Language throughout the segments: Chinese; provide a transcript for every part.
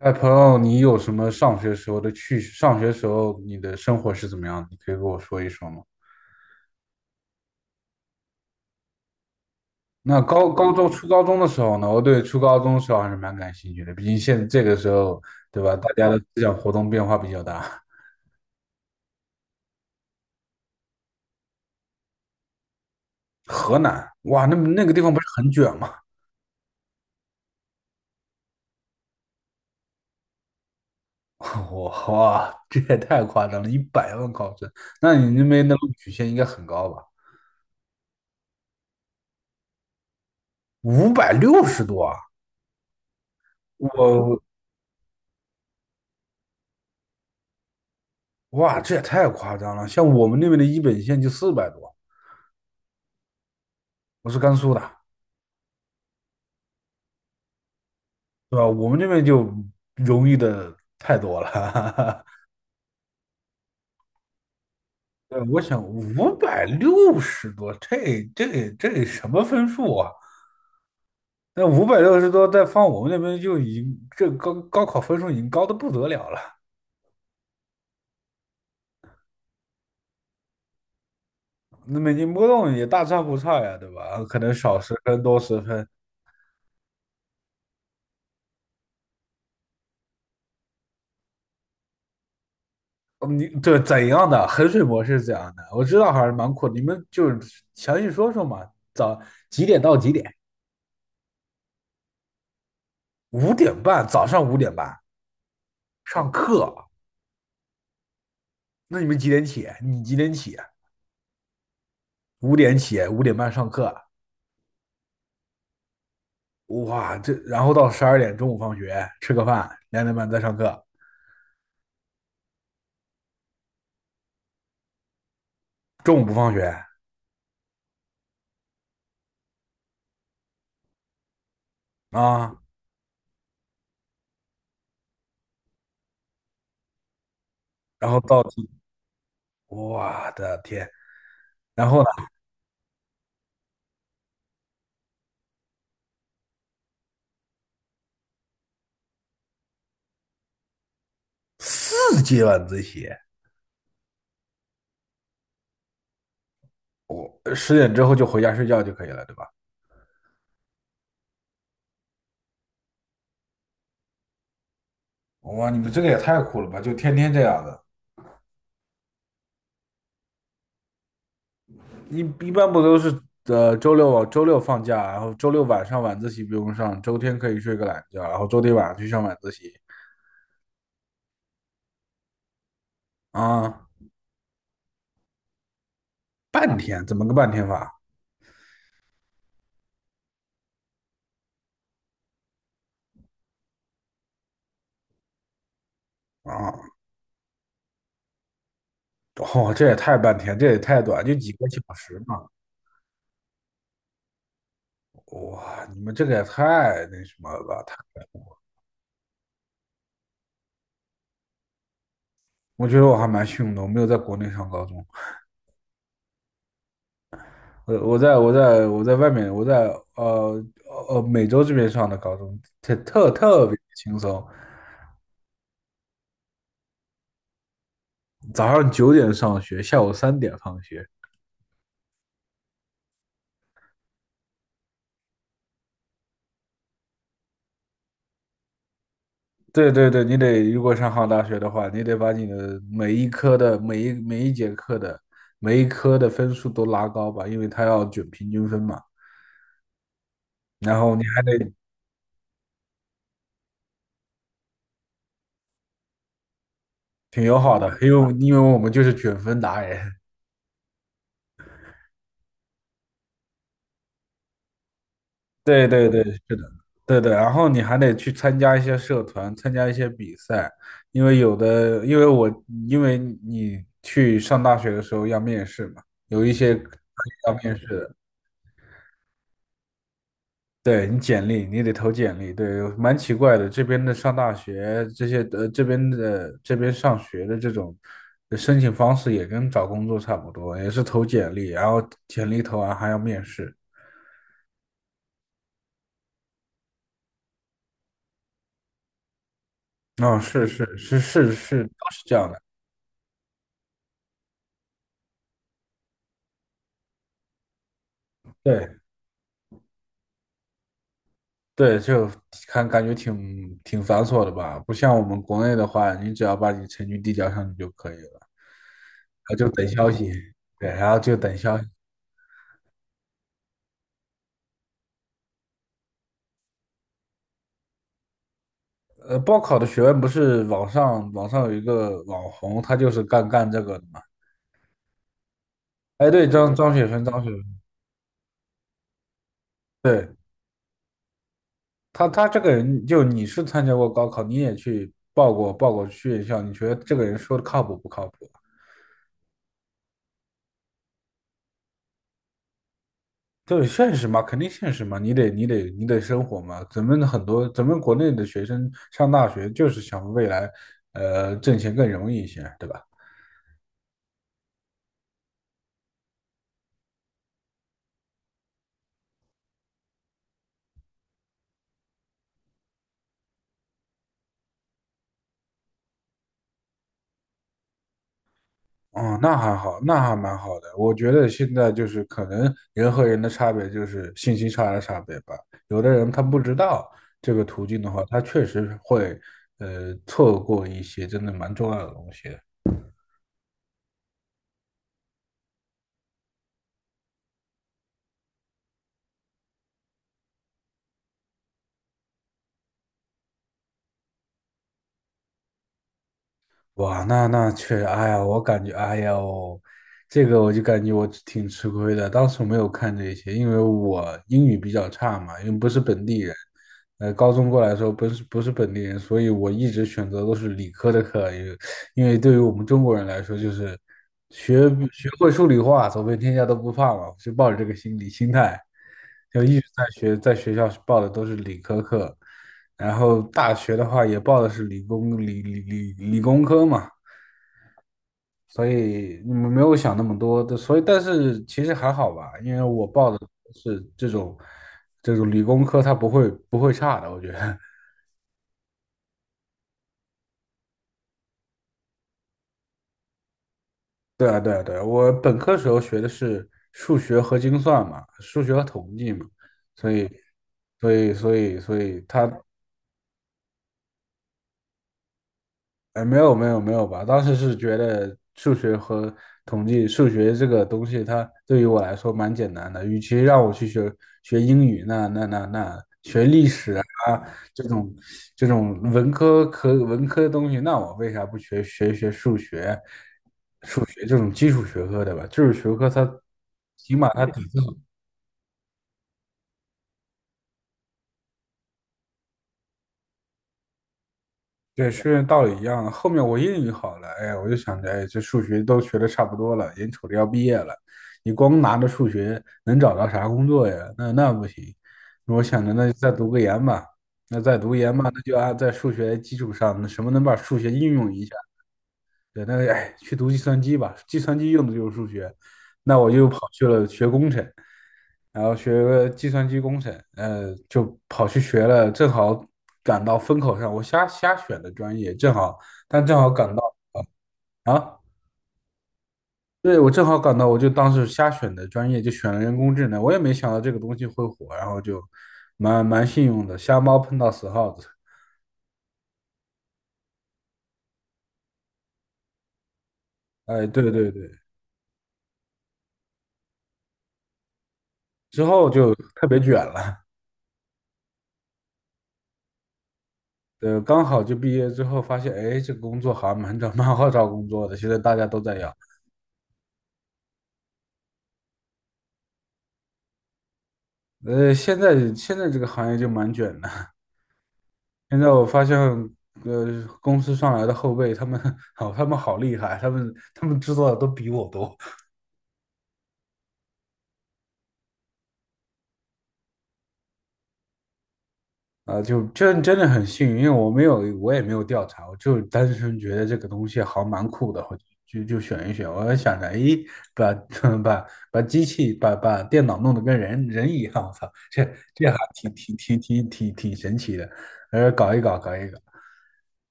哎朋友，你有什么上学时候的趣事？上学时候你的生活是怎么样的？你可以跟我说一说吗？那高中、初高中的时候呢？我对初高中的时候还是蛮感兴趣的，毕竟现这个时候，对吧？大家的思想活动变化比较大。河南，哇，那个地方不是很卷吗？哇，哇，这也太夸张了，100万考生，那你那边的录取线应该很高吧？五百六十多啊！我，哇，这也太夸张了。像我们那边的一本线就400多，我是甘肃的。对吧？我们这边就容易的太多了。对，我想五百六十多，这什么分数啊？那五百六十多，再放我们那边就已经这高考分数已经高的不得了了。那每年波动也大差不差呀，对吧？可能少10分多10分。嗯，你对怎样的衡水模式是怎样的，我知道还是蛮苦的，你们就是详细说说嘛。早几点到几点？五点半，早上五点半上课。那你们几点起？你几点起啊？五点起，五点半上课。哇，这然后到12点中午放学吃个饭，2点半再上课，中午不放学啊。然后到我的天，然后呢，4节晚自习，我10点之后就回家睡觉就可以了，对吧？哇，你们这个也太苦了吧！就天天这样的。一一般不都是周六放假，然后周六晚上晚自习不用上，周天可以睡个懒觉，然后周天晚上去上晚自习啊。半天怎么个半天法啊？哦，这也太半天，这也太短，就几个小时嘛。哇，你们这个也太那什么了吧？太。我觉得我还蛮幸运的，我没有在国内上高中。我在外面，我在呃美洲这边上的高中，特别轻松。早上9点上学，下午3点放学。对对对，你得，如果上好大学的话，你得把你的每一科的每一节课的每一科的分数都拉高吧，因为他要卷平均分嘛。然后你还得挺友好的，因为我们就是卷分达人。对对对，是的，对对。然后你还得去参加一些社团，参加一些比赛。因为有的，因为你去上大学的时候要面试嘛，有一些要面试的。对，你简历，你得投简历，对，蛮奇怪的。这边的上大学，这些这边上学的这种申请方式也跟找工作差不多，也是投简历，然后简历投完还要面试。哦，是是是是是，都是这样的。对对。就看感觉挺繁琐的吧，不像我们国内的话，你只要把你成绩递交上去就可以了，然后就等消息。对，然后就等消息。报考的学问，不是网上有一个网红，他就是干这个的嘛。哎，对，张雪芬，张雪芬。对，他这个人，就你是参加过高考，你也去报过去院校，你觉得这个人说的靠谱不靠谱？对，现实嘛，肯定现实嘛，你得生活嘛。咱们国内的学生上大学就是想未来，挣钱更容易一些，对吧？哦，那还好，那还蛮好的。我觉得现在就是可能人和人的差别就是信息差的差别吧。有的人他不知道这个途径的话，他确实会错过一些真的蛮重要的东西的。哇，那确实。哎呀，我感觉，哎呀哦，这个我就感觉我挺吃亏的。当时没有看这些，因为我英语比较差嘛，因为不是本地人。高中过来的时候不是本地人，所以我一直选择都是理科的课。因为对于我们中国人来说，就是学学会数理化，走遍天下都不怕嘛，就抱着这个心理心态，就一直在学，在学校报的都是理科课。然后大学的话也报的是理工理理理理工科嘛，所以你们没有想那么多的，所以但是其实还好吧，因为我报的是这种理工科，它不会差的，我觉得。对啊，对啊，对啊，我本科时候学的是数学和精算嘛，数学和统计嘛，所以所以它。哎，没有没有没有吧，当时是觉得数学和统计，数学这个东西它对于我来说蛮简单的，与其让我去学英语，那这种这种文科的东西，那我为啥不学数学，学这种基础学科的吧？基础学科它起码。对，是道理一样的。后面我英语好了，哎，呀，我就想着，哎，这数学都学的差不多了，眼瞅着要毕业了，你光拿着数学能找到啥工作呀？那不行。我想着，那再读研吧。那就按在数学基础上，那什么能把数学应用一下？对，那哎，去读计算机吧，计算机用的就是数学，那我就跑去了学工程，然后学个计算机工程。就跑去学了，正好赶到风口上，我瞎选的专业。正好，但正好赶到啊。对，我正好赶到，我就当时瞎选的专业，就选了人工智能。我也没想到这个东西会火，然后就蛮幸运的，瞎猫碰到死耗子。哎，对对对，之后就特别卷了。对，刚好就毕业之后发现，哎，这个工作好像蛮好找工作的，现在大家都在要。现在这个行业就蛮卷的。现在我发现，公司上来的后辈，他们 好，他们好厉害，他们知道的都比我多。啊，就真真的很幸运，因为我没有，我也没有调查，我就单纯觉得这个东西好蛮酷的，我就选一选。我还想着，咦，把 把机器把电脑弄得跟人一样，我操，这还挺神奇的。搞一搞，搞一搞。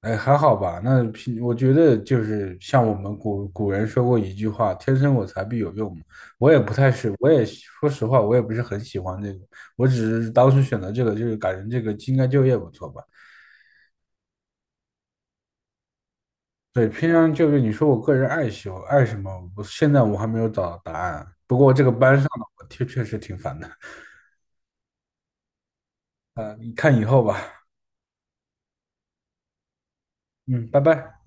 哎，还好吧。我觉得就是像我们古人说过一句话"天生我材必有用"嘛。我也不太是，我也说实话，我也不是很喜欢这个。我只是当时选择这个，就是感觉这个应该就业不错吧。对，偏向就业，你说我个人爱喜欢爱什么？我现在我还没有找到答案啊。不过这个班上的我确确实挺烦的。你看以后吧。嗯，拜拜。